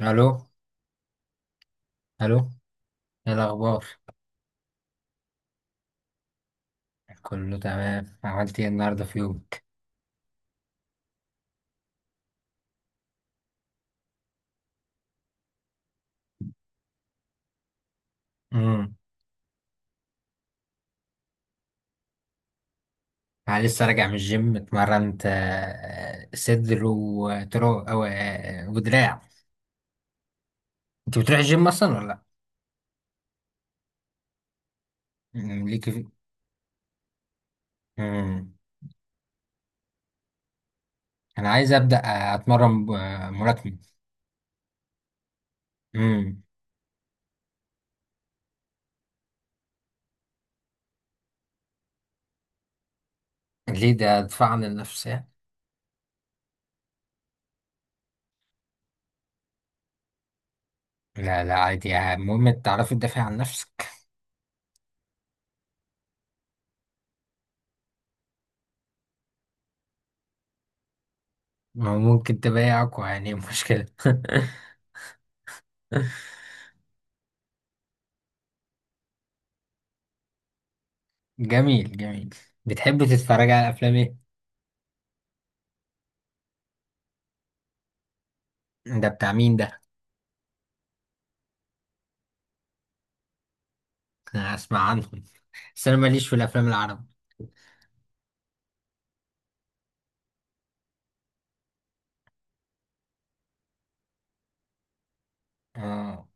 الو. الو. ايه الاخبار؟ كله تمام. عملت ايه النهارده في يومك؟ امم. انا لسه راجع من الجيم، اتمرنت صدر وترو او ودراع. انت بتروح الجيم اصلا ولا لا؟ أمم، ليك في... امم. انا عايز ابدا اتمرن ملاكمه. امم. ليه؟ ده دفاع عن النفس يعني. لا، لا، عادي يعني، المهم تعرفي تدافع عن نفسك. ما هو ممكن تبقى اقوى يعني، مشكلة؟ جميل جميل. بتحب تتفرج على افلام ايه؟ ده بتاع مين ده؟ أنا هسمع عنه. بس أنا ماليش في الأفلام العربي. آه.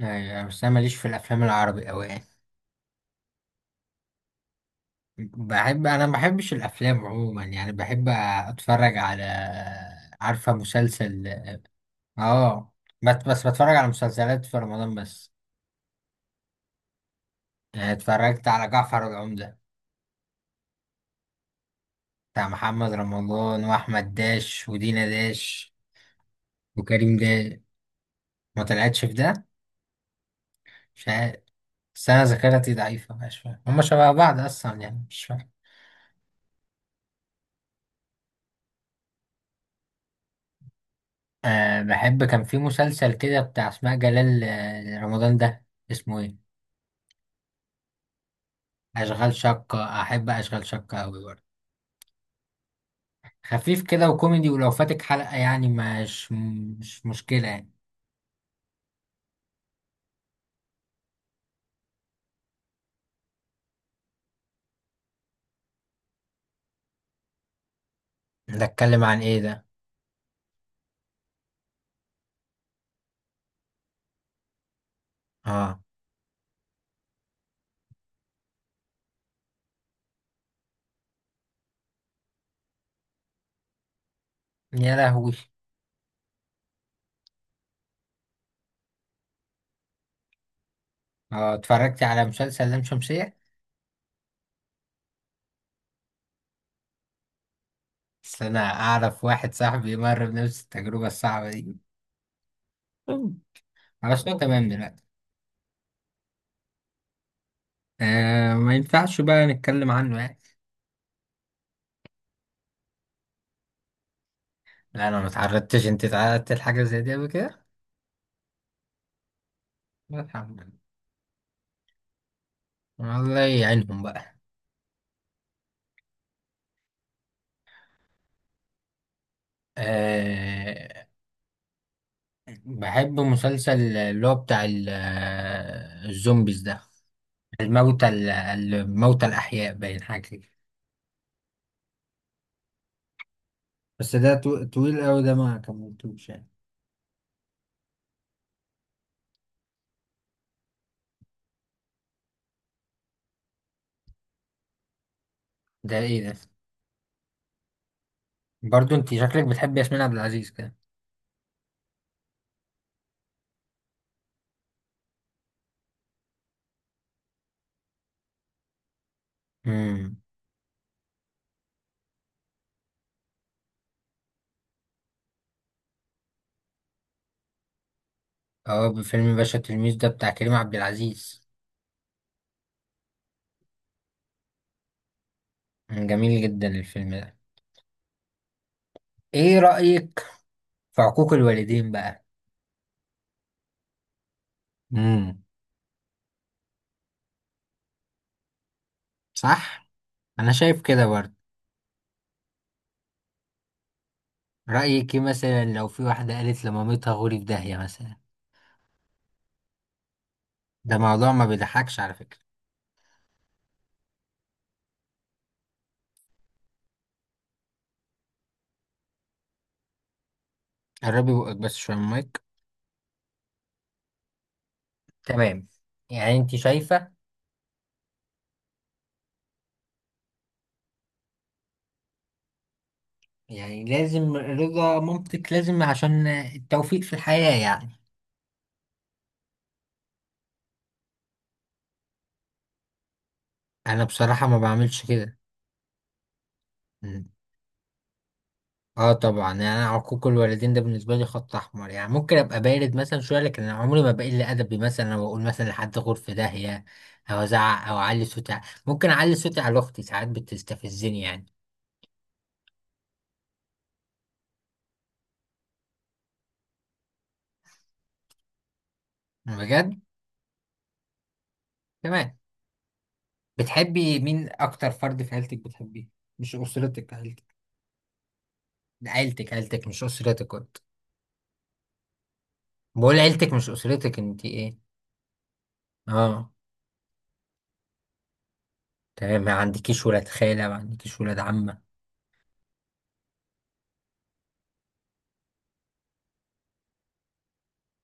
أيوة، بس أنا ماليش في الأفلام العربي أوي يعني. بحب، أنا ما بحبش الأفلام عموما يعني، بحب أتفرج على، عارفة مسلسل. آه. بس بتفرج على مسلسلات في رمضان بس. يعني اتفرجت على جعفر العمدة، بتاع محمد رمضان وأحمد داش ودينا داش وكريم داش. ما طلعتش في ده؟ مش عارف. بس أنا ذاكرتي ضعيفة، مش فاهم، هما شبه بعض أصلا يعني، مش فاهم. أه، بحب، كان في مسلسل كده بتاع اسماء جلال رمضان ده، اسمه ايه؟ اشغال شقة. احب اشغال شقة اوي برضه. خفيف كده وكوميدي، ولو فاتك حلقة يعني مش مشكلة يعني. ده اتكلم عن ايه ده؟ اه. يا لهوي! اه، اتفرجت على مسلسل لام شمسية. بس انا اعرف واحد صاحبي مر بنفس التجربة الصعبة دي. خلاص، هو تمام دلوقتي. آه، ما ينفعش بقى نتكلم عنه يعني. لا، انا ما اتعرضتش. انت اتعرضت لحاجة زي دي قبل كده؟ الحمد لله. الله يعينهم بقى. أه، بحب مسلسل اللي هو بتاع الزومبيز ده، الموتى الأحياء، باين حاجة كده. بس ده طويل قوي ده، ما كملتوش يعني. ده ايه ده؟ برضو انت شكلك بتحب ياسمين عبد العزيز كده. امم. اه، فيلم باشا تلميذ ده بتاع كريم عبد العزيز. جميل جدا الفيلم ده. ايه رأيك في عقوق الوالدين بقى؟ امم. صح. انا شايف كده برضه. رأيك إيه مثلا لو في واحدة قالت لمامتها غوري في داهية مثلا؟ ده موضوع ما بيضحكش على فكرة. قربي بقك بس شوية من المايك. تمام. يعني انت شايفة. يعني لازم رضا مامتك، لازم عشان التوفيق في الحياة يعني. انا بصراحة ما بعملش كده. مم. اه طبعا، يعني انا عقوق الوالدين ده بالنسبة لي خط احمر يعني. ممكن ابقى بارد مثلا شوية، لكن انا عمري ما بقل ادبي مثلا، او اقول مثلا لحد غور في داهية، او ازعق او اعلي صوتي ممكن اعلي صوتي على اختي ساعات، بتستفزني يعني. بجد. تمام. بتحبي مين اكتر فرد في عيلتك بتحبيه؟ مش اسرتك، عيلتك. عيلتك عيلتك مش اسرتك، كنت بقول، عيلتك مش اسرتك. انت ايه؟ اه. تمام، ما عندكيش ولاد خالة؟ ما عندكيش ولاد عمة؟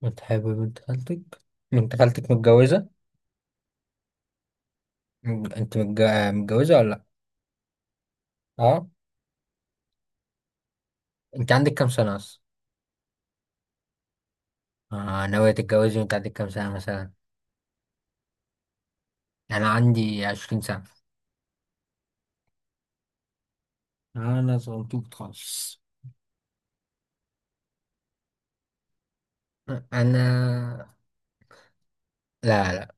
بتحبي بنت خالتك؟ بنت خالتك متجوزة؟ م- انت متج... متجوزة ولا لا؟ اه. انت عندك كام سنة اصلا؟ اه، ناوية تتجوزي وانت عندك كام سنة مثلا؟ انا عندي 20 سنة. انا صغنطوط خالص. انا. لا، لا،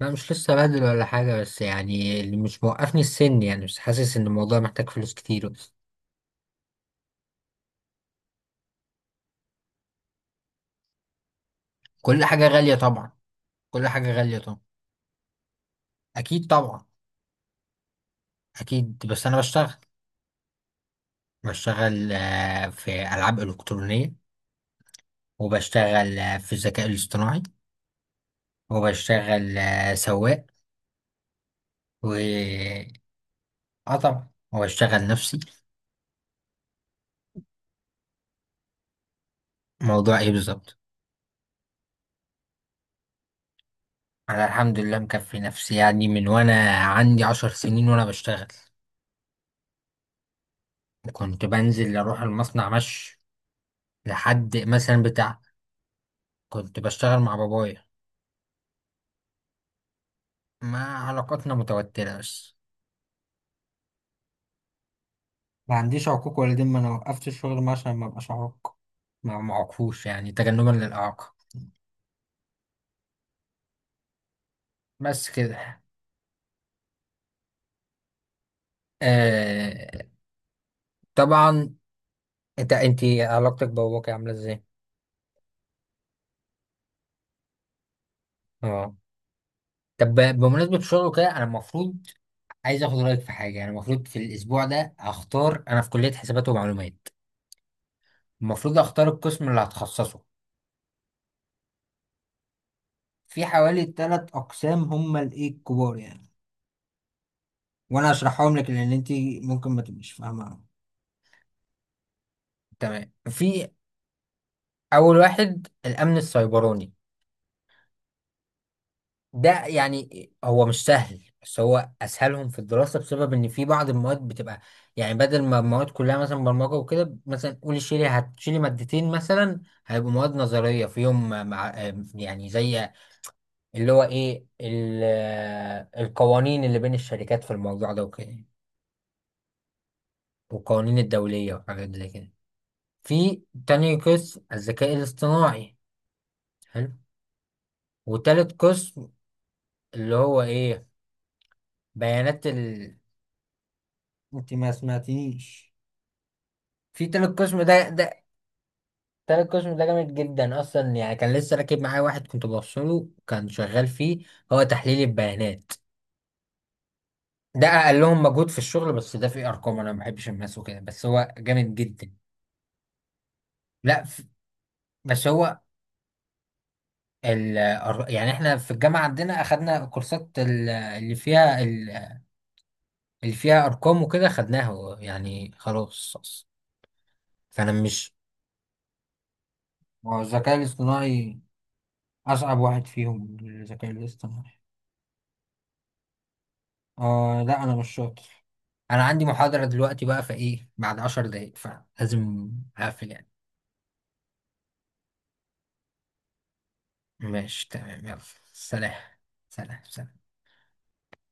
لا، مش لسه بدل ولا حاجة، بس يعني اللي مش موقفني السن يعني، مش حاسس إن الموضوع محتاج فلوس كتير. كل حاجة غالية طبعا. كل حاجة غالية طبعا. أكيد طبعا. أكيد، بس أنا بشتغل. بشتغل في ألعاب إلكترونية. وبشتغل في الذكاء الاصطناعي. وبشتغل سواق. و آه طبعا، وبشتغل نفسي. موضوع إيه بالظبط؟ أنا الحمد لله مكفي نفسي يعني، من وأنا عندي 10 سنين وأنا بشتغل. كنت بنزل أروح المصنع مشي، لحد مثلا بتاع. كنت بشتغل مع بابايا. ما علاقتنا متوترة بس. ما عنديش عقوق والدين، ما انا وقفت الشغل معاه عشان ما ابقاش عاق. ما معرفوش يعني، تجنبا للإعاقة. بس كده. آه طبعا. انت علاقتك بباباك عاملة ازاي؟ اه، طب بمناسبة الشغل وكده، انا المفروض عايز اخد رأيك في حاجة يعني. المفروض في الاسبوع ده اختار، انا في كلية حسابات ومعلومات، المفروض اختار القسم اللي هتخصصه. في حوالي 3 اقسام هم الايه الكبار يعني. وانا اشرحهم لك لان انت ممكن ما تبقيش فاهمه. تمام. في اول واحد، الامن السيبراني. ده يعني هو مش سهل، بس هو اسهلهم في الدراسه بسبب ان في بعض المواد بتبقى يعني، بدل ما المواد كلها مثلا برمجه وكده، مثلا قولي شيلي هتشيلي مادتين مثلا، هيبقوا مواد نظريه فيهم، مع يعني زي اللي هو ايه القوانين اللي بين الشركات في الموضوع ده وكده، والقوانين الدوليه وحاجات زي كده. في تاني قسم، الذكاء الاصطناعي. حلو. وتالت قسم اللي هو ايه، بيانات انت ما سمعتنيش. في تالت قسم ده. تالت قسم ده جامد جدا اصلا يعني. كان لسه راكب معايا واحد كنت بوصله كان شغال فيه، هو تحليل البيانات. ده اقلهم مجهود في الشغل، بس ده فيه ارقام، انا ما بحبش الماس وكده، بس هو جامد جدا. لا، بس هو يعني احنا في الجامعة عندنا اخدنا كورسات اللي فيها، اللي فيها ارقام وكده خدناها يعني خلاص. فانا مش. ما هو الذكاء الاصطناعي أصعب واحد فيهم، الذكاء الاصطناعي. آه، لا، أنا مش شاطر. انا عندي محاضرة دلوقتي بقى، فايه بعد 10 دقايق، فلازم اقفل يعني. ماشي تمام، يلا. سلام. سلام سلام.